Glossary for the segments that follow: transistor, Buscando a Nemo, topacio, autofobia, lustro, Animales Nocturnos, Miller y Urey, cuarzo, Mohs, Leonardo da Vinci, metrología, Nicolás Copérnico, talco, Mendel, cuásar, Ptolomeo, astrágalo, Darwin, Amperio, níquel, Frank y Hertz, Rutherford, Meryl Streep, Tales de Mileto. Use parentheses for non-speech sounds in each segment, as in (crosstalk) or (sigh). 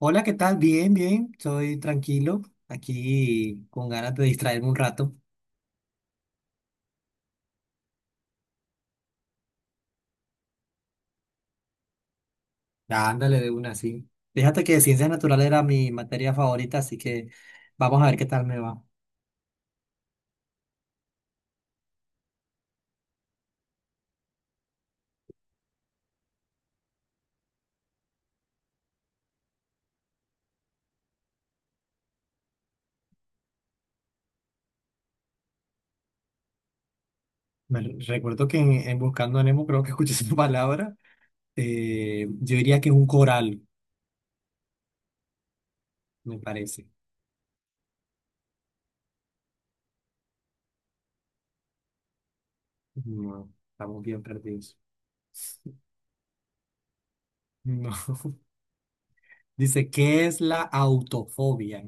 Hola, ¿qué tal? Bien, bien, estoy tranquilo, aquí con ganas de distraerme un rato. Ándale de una, sí. Fíjate que ciencias naturales era mi materia favorita, así que vamos a ver qué tal me va. Me recuerdo que en Buscando a Nemo creo que escuché (laughs) esa palabra. Yo diría que es un coral, me parece. No, estamos bien perdidos. (laughs) No. Dice, ¿qué es la autofobia?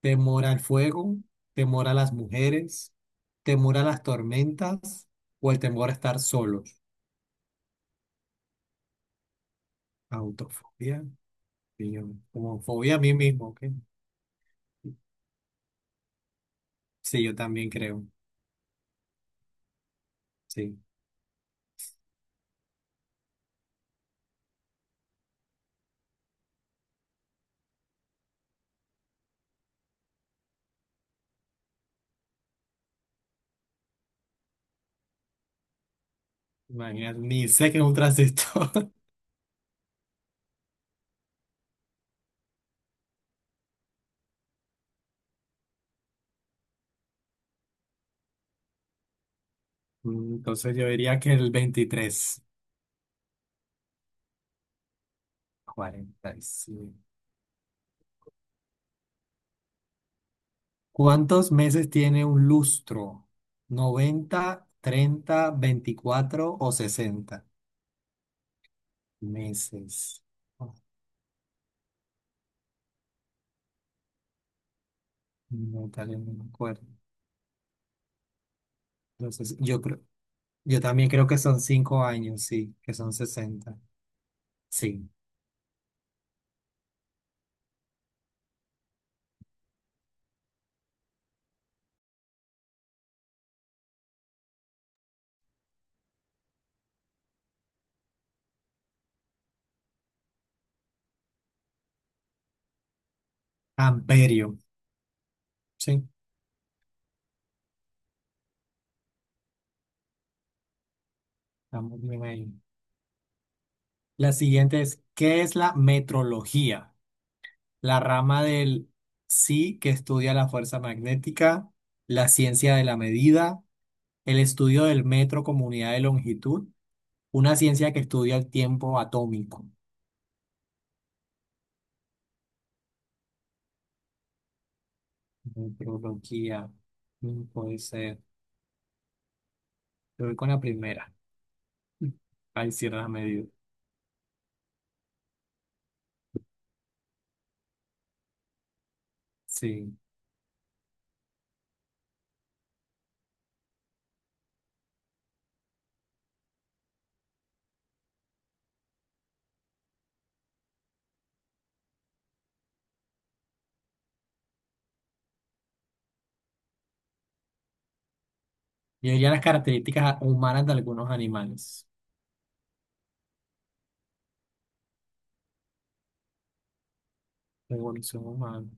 Temor al fuego, temor a las mujeres, temor a las tormentas o el temor a estar solos. Autofobia, sí, como fobia a mí mismo, ¿ok? Sí, yo también creo, sí. Imagínate, ni sé que es un transistor. (laughs) Entonces yo diría que el 23, 45. ¿Cuántos meses tiene un lustro? ¿90, 30, 24 o 60 meses? Oh, no, tal vez no me acuerdo. Entonces, yo creo. Yo también creo que son 5 años, sí, que son 60. Sí. Amperio. Sí, estamos bien ahí. La siguiente es, ¿qué es la metrología? La rama del sí que estudia la fuerza magnética, la ciencia de la medida, el estudio del metro como unidad de longitud, una ciencia que estudia el tiempo atómico. Metrología. Puede ser. Yo voy con la primera. (laughs) Ahí cierra la medida. Sí. Yo diría las características humanas de algunos animales. Evolución humana.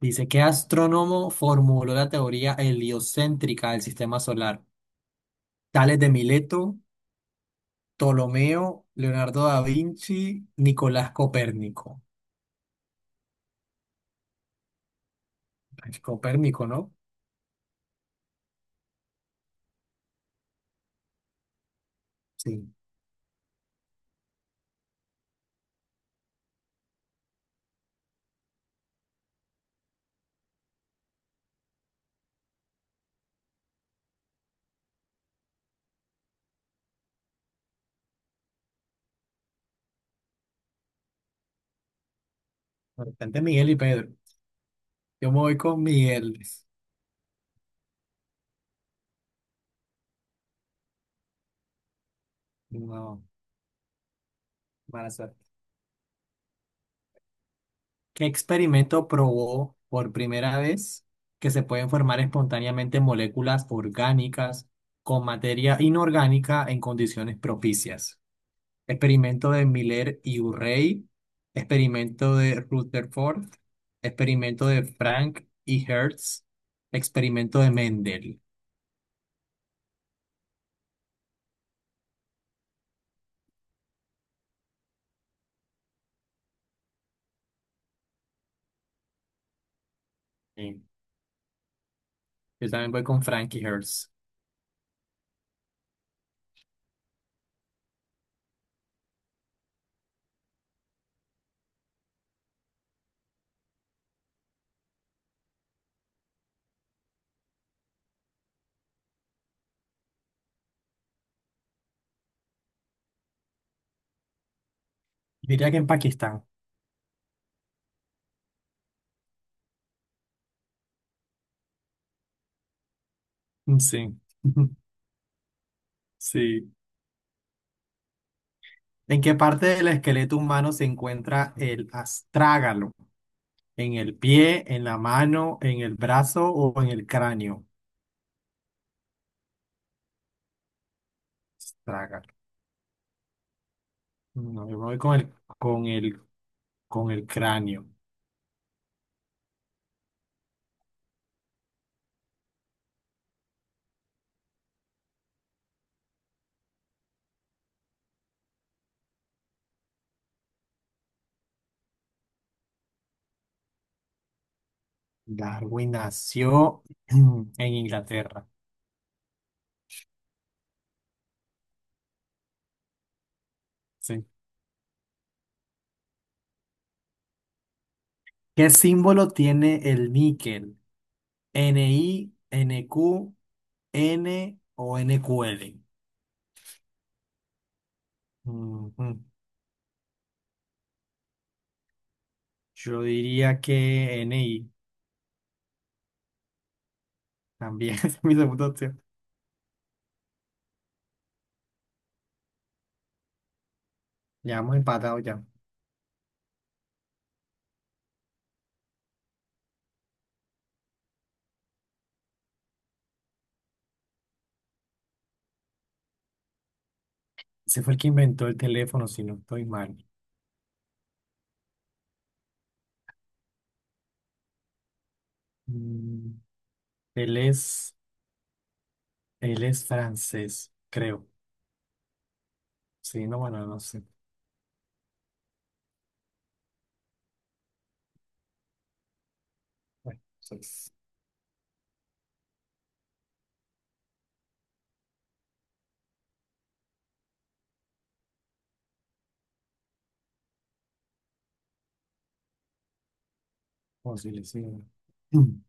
Dice, ¿qué astrónomo formuló la teoría heliocéntrica del sistema solar? Tales de Mileto, Ptolomeo, Leonardo da Vinci, Nicolás Copérnico. Ay, Copérnico, ¿no? Sí. Bastante Miguel y Pedro. Yo me voy con Miguel. No, mala suerte. ¿Qué experimento probó por primera vez que se pueden formar espontáneamente moléculas orgánicas con materia inorgánica en condiciones propicias? Experimento de Miller y Urey, experimento de Rutherford, experimento de Frank y Hertz, experimento de Mendel. Sí. Yo también voy con Frank y Hertz. Diría que en Pakistán. Sí. (laughs) Sí. ¿En qué parte del esqueleto humano se encuentra el astrágalo? ¿En el pie, en la mano, en el brazo o en el cráneo? Traga. No, yo me voy con el, con el cráneo. Darwin nació (clears throat) en Inglaterra. Sí. ¿Qué símbolo tiene el níquel? ¿NI, NQ, N o NQL? Ujú. Yo diría que NI también (laughs) es mi segunda opción. Ya hemos empatado ya. Ese fue el que inventó el teléfono, si no estoy mal. Mm. Él es, él es francés, creo. Sí, no, bueno, no sé. Bueno, eso es posible, sí. (clears throat) Mm.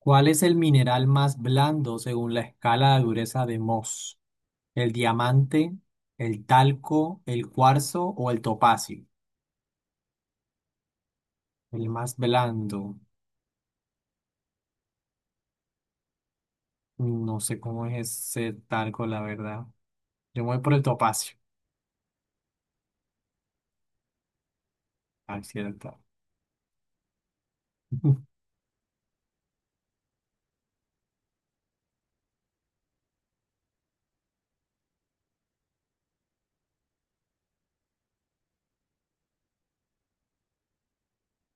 ¿Cuál es el mineral más blando según la escala de dureza de Mohs? ¿El diamante, el talco, el cuarzo o el topacio? El más blando. No sé cómo es ese talco, la verdad. Yo me voy por el topacio. Ah, sí, (laughs)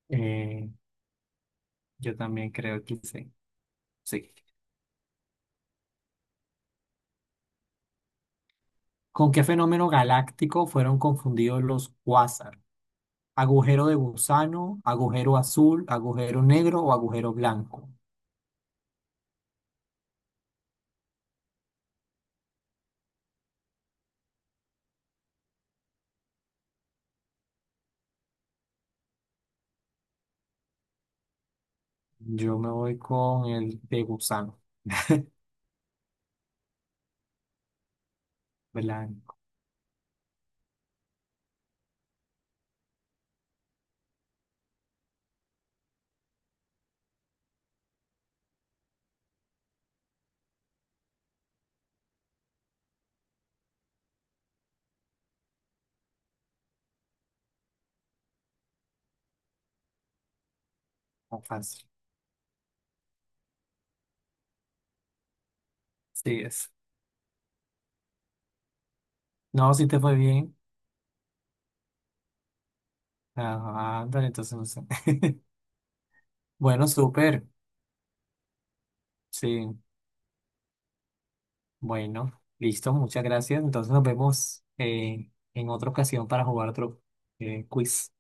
Eh, yo también creo que sí. Sí. ¿Con qué fenómeno galáctico fueron confundidos los cuásar? ¿Agujero de gusano, agujero azul, agujero negro o agujero blanco? Yo me voy con el de gusano, blanco, fácil. Sí es. No, si te fue bien. Ajá, ándale, entonces no sé. (laughs) Bueno, súper. Sí, bueno, listo, muchas gracias. Entonces nos vemos en otra ocasión para jugar otro quiz.